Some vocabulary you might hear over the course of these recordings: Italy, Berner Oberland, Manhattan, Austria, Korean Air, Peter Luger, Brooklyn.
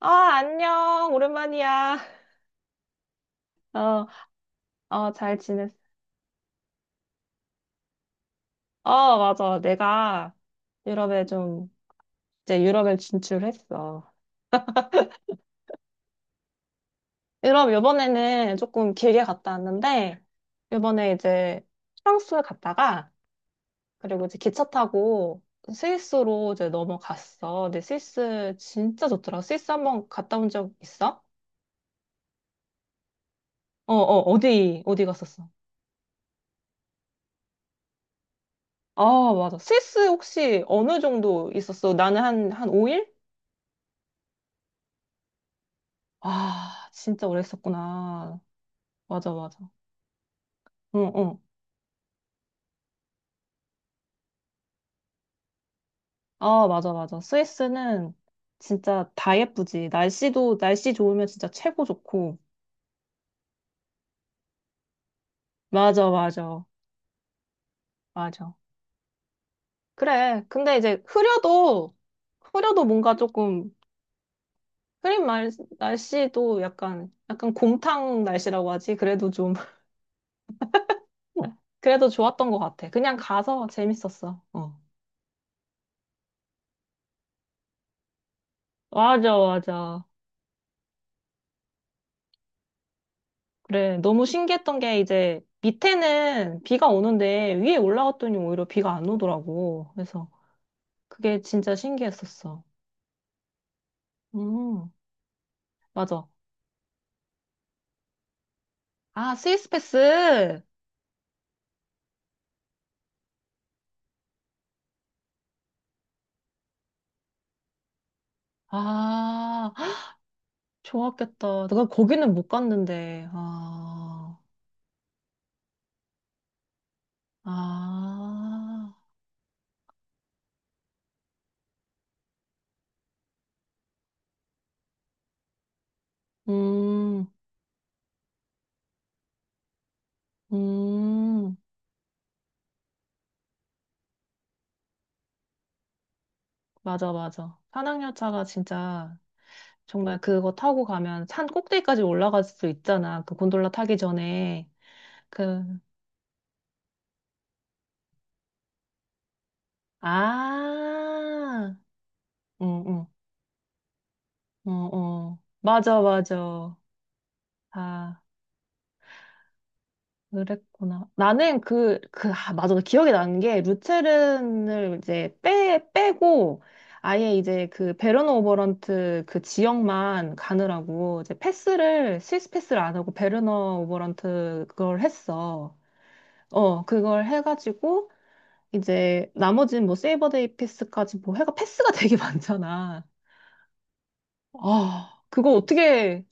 아, 안녕. 오랜만이야. 어, 어, 잘 지냈어. 어, 맞아. 내가 유럽에 좀, 이제 유럽에 진출했어. 유럽 요번에는 조금 길게 갔다 왔는데, 요번에 이제 프랑스 갔다가, 그리고 이제 기차 타고 스위스로 이제 넘어갔어. 근데 스위스 진짜 좋더라. 스위스 한번 갔다 온 적 있어? 어, 어, 어디 갔었어? 아, 맞아. 스위스 혹시 어느 정도 있었어? 나는 한 5일? 아, 진짜 오래 있었구나. 맞아, 맞아. 응, 응. 아, 맞아. 스위스는 진짜 다 예쁘지. 날씨도, 날씨 좋으면 진짜 최고 좋고. 맞아, 맞아, 맞아. 그래. 근데 이제 흐려도, 흐려도 뭔가 조금, 흐린 말, 날씨도 약간, 약간 곰탕 날씨라고 하지. 그래도 좀, 그래도 좋았던 것 같아. 그냥 가서 재밌었어. 어. 맞아, 맞아. 그래, 너무 신기했던 게 이제 밑에는 비가 오는데 위에 올라갔더니 오히려 비가 안 오더라고. 그래서 그게 진짜 신기했었어. 음, 맞아. 아, 스위스 패스! 아, 좋았겠다. 내가 거기는 못 갔는데. 아, 아, 음, 음, 맞아, 맞아. 산악열차가 진짜 정말 그거 타고 가면 산 꼭대기까지 올라갈 수 있잖아. 그 곤돌라 타기 전에. 그 아, 응, 응, 어, 어. 맞아, 맞아. 아, 그랬구나. 나는 그, 그, 아, 맞아. 기억이 나는 게, 루체른을 이제 빼고, 아예 이제 그 베르너 오버런트 그 지역만 가느라고, 이제 패스를, 스위스 패스를 안 하고 베르너 오버런트 그걸 했어. 어, 그걸 해가지고, 이제 나머지는 뭐 세이버데이 패스까지 뭐 해가 패스가 되게 많잖아. 아, 그거 어떻게,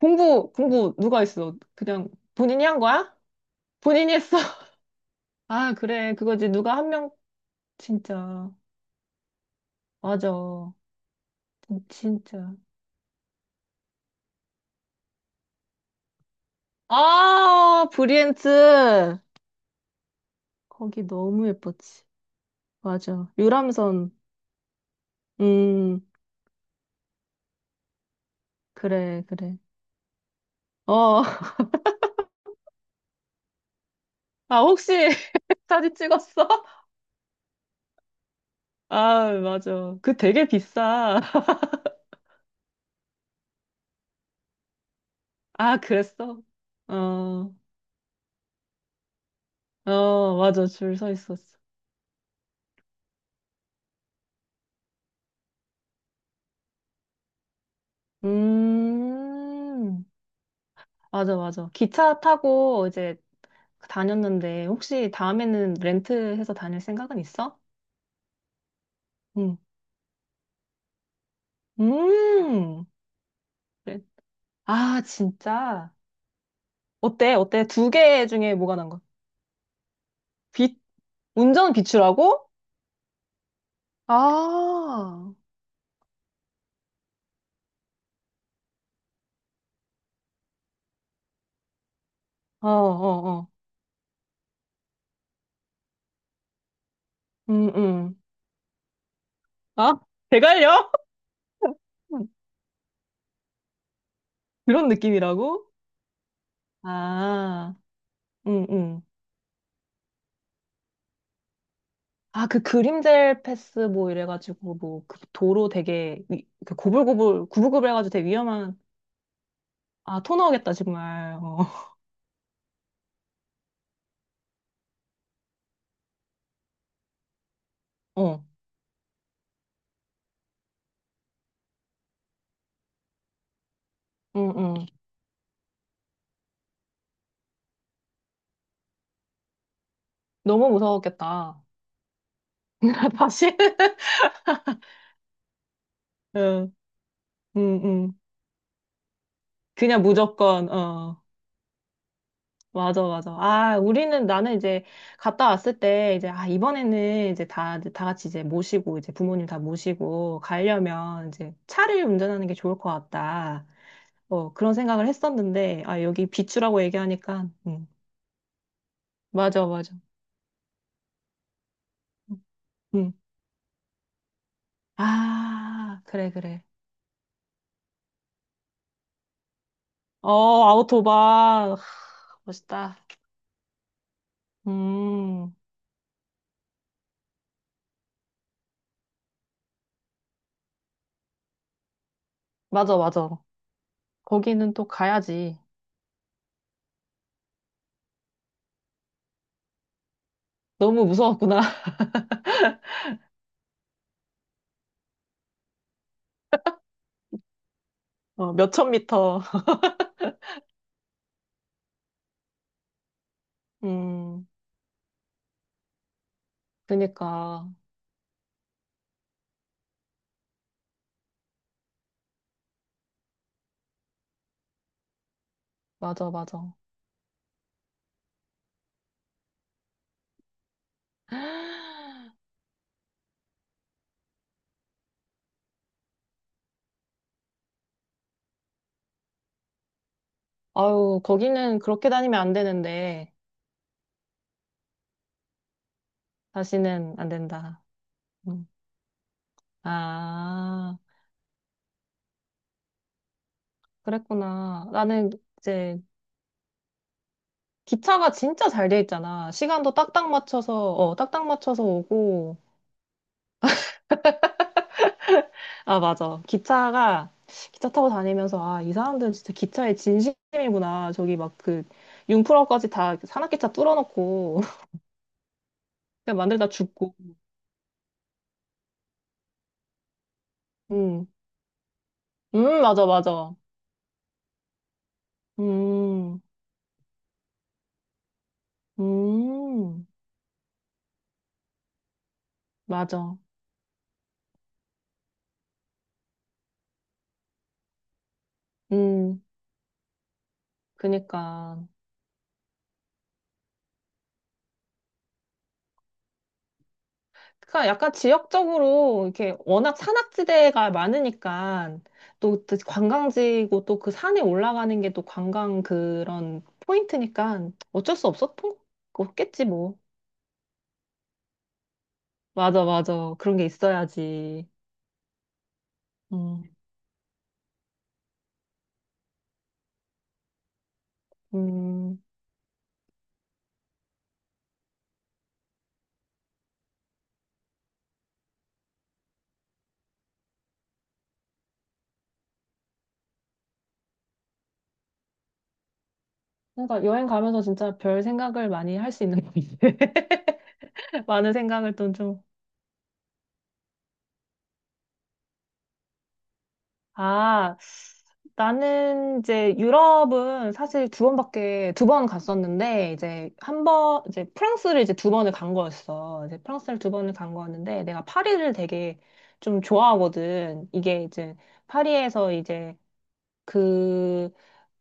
공부 누가 했어? 그냥 본인이 한 거야? 본인이 했어. 아, 그래. 그거지. 누가 한 명, 진짜. 맞아. 진짜. 아, 브리엔트. 거기 너무 예뻤지. 맞아. 유람선. 음, 그래. 어, 아, 혹시 사진 찍었어? 아, 맞아. 그 되게 비싸. 아, 그랬어? 어, 어, 맞아. 줄 서 있었어. 음. 맞아, 맞아. 기차 타고 이제 다녔는데, 혹시 다음에는 렌트해서 다닐 생각은 있어? 응. 음. 그래. 아, 진짜. 어때? 어때? 두 개 중에 뭐가 난 거? 비, 운전 비추라고? 아, 어, 어, 어. 음, 음. 아, 대갈려? 그런 느낌이라고? 아, 응, 응. 아, 그 그림젤 패스 뭐 이래가지고 뭐 그 도로 되게 위, 그 고불고불 구불구불 해가지고 되게 위험한 아, 아, 토 나오겠다, 정말. 어. 어. 응, 응. 너무 무서웠겠다. 다시? 응, 응, 응. 그냥 무조건, 어. 맞아, 맞아. 아, 우리는, 나는 이제 갔다 왔을 때, 이제, 아, 이번에는 이제 다 같이 이제 모시고, 이제 부모님 다 모시고, 가려면 이제 차를 운전하는 게 좋을 것 같다. 어, 그런 생각을 했었는데, 아, 여기 비추라고 얘기하니까, 응. 맞아, 맞아. 응. 응. 아, 그래. 어, 아우토반. 하, 멋있다. 음, 맞아, 맞아. 거기는 또 가야지. 너무 무서웠구나. 어, 몇천 미터. 음, 그니까. 맞아, 맞아. 아유, 거기는 그렇게 다니면 안 되는데, 다시는 안 된다. 음. 아, 그랬구나. 나는 이제 기차가 진짜 잘 돼 있잖아. 시간도 딱딱 맞춰서, 어, 딱딱 맞춰서 오고, 아, 맞아. 기차가, 기차 타고 다니면서, 아, 이 사람들은 진짜 기차에 진심이구나. 저기 막 그, 융프라까지 다 산악기차 뚫어놓고, 그냥 만들다 죽고. 음, 맞아, 맞아. 음, 음, 맞아. 음, 그니까. 그러니까 약간 지역적으로 이렇게 워낙 산악지대가 많으니까 또, 또 관광지고 또 그 산에 올라가는 게 또 관광 그런 포인트니까 어쩔 수 없었던 없겠지 뭐. 맞아, 맞아. 그런 게 있어야지. 음, 음. 그러니까 여행 가면서 진짜 별 생각을 많이 할 수 있는 것 같아. 많은 생각을 또 좀. 아, 나는 이제 유럽은 사실 두 번밖에, 두 번 갔었는데, 이제 한 번, 이제 프랑스를 이제 두 번을 간 거였어. 이제 프랑스를 두 번을 간 거였는데, 내가 파리를 되게 좀 좋아하거든. 이게 이제 파리에서 이제 그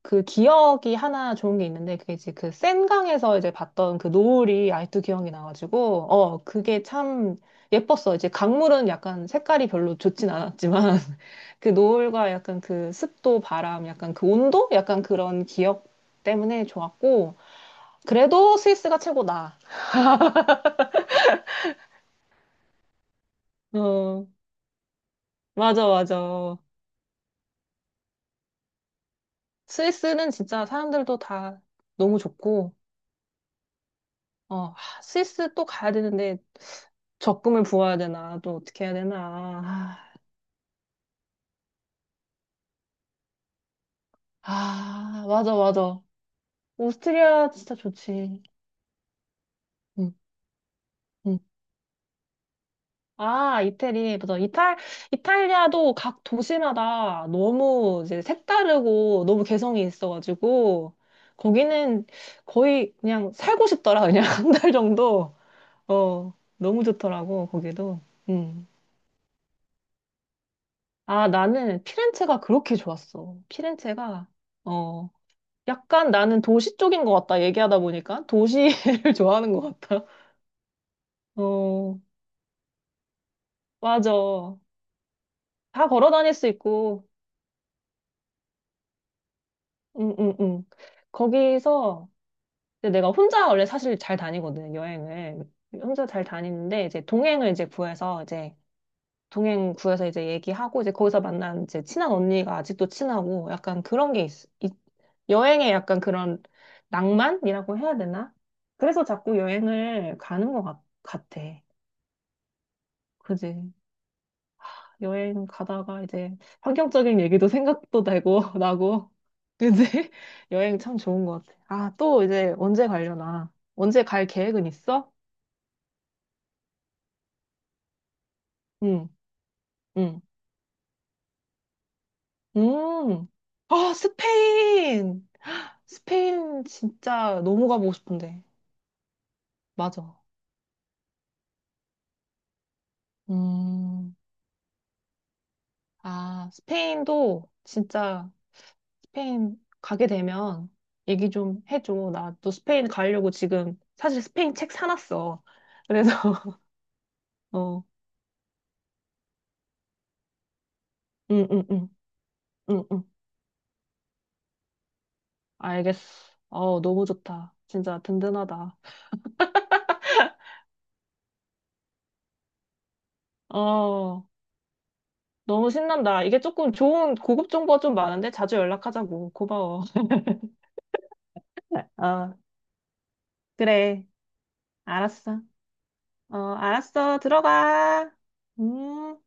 그 기억이 하나 좋은 게 있는데 그게 이제 그 센강에서 이제 봤던 그 노을이 아직도 기억이 나가지고 어 그게 참 예뻤어. 이제 강물은 약간 색깔이 별로 좋진 않았지만 그 노을과 약간 그 습도, 바람, 약간 그 온도, 약간 그런 기억 때문에 좋았고 그래도 스위스가 최고다. 어 맞아 맞아. 스위스는 진짜 사람들도 다 너무 좋고. 어, 하, 스위스 또 가야 되는데 적금을 부어야 되나? 또 어떻게 해야 되나? 아, 아, 맞아, 맞아. 오스트리아 진짜 좋지. 응, 응. 아, 이태리. 맞아. 이탈, 이탈리아도 각 도시마다 너무 이제 색다르고 너무 개성이 있어가지고 거기는 거의 그냥 살고 싶더라. 그냥 한 달 정도. 어, 너무 좋더라고, 거기도. 응. 아, 나는 피렌체가 그렇게 좋았어. 피렌체가. 어. 약간 나는 도시 쪽인 것 같다. 얘기하다 보니까 도시를 좋아하는 것 같다. 어, 맞아. 다 걸어 다닐 수 있고, 응, 응, 응. 거기서 이제 내가 혼자 원래 사실 잘 다니거든, 여행을. 혼자 잘 다니는데 이제 동행을 이제 구해서 이제 동행 구해서 이제 얘기하고 이제 거기서 만난 이제 친한 언니가 아직도 친하고 약간 그런 게 있, 있, 여행에 약간 그런 낭만이라고 해야 되나? 그래서 자꾸 여행을 가는 것 같아. 그지? 여행 가다가 이제 환경적인 얘기도 생각도 되고 나고 이제 여행 참 좋은 것 같아. 아, 또 이제 언제 가려나? 언제 갈 계획은 있어? 응, 응, 음. 아, 스페인! 스페인 진짜 너무 가보고 싶은데. 맞아. 음. 아, 스페인도 진짜 스페인 가게 되면 얘기 좀 해줘. 나 또 스페인 가려고 지금 사실 스페인 책 사놨어. 그래서 어. 응, 응, 응, 응, 응. 알겠어. 어, 너무 좋다. 진짜 든든하다. 어, 너무 신난다. 이게 조금 좋은 고급 정보가 좀 많은데 자주 연락하자고. 고마워. 어, 그래. 알았어. 어, 알았어. 들어가. 음.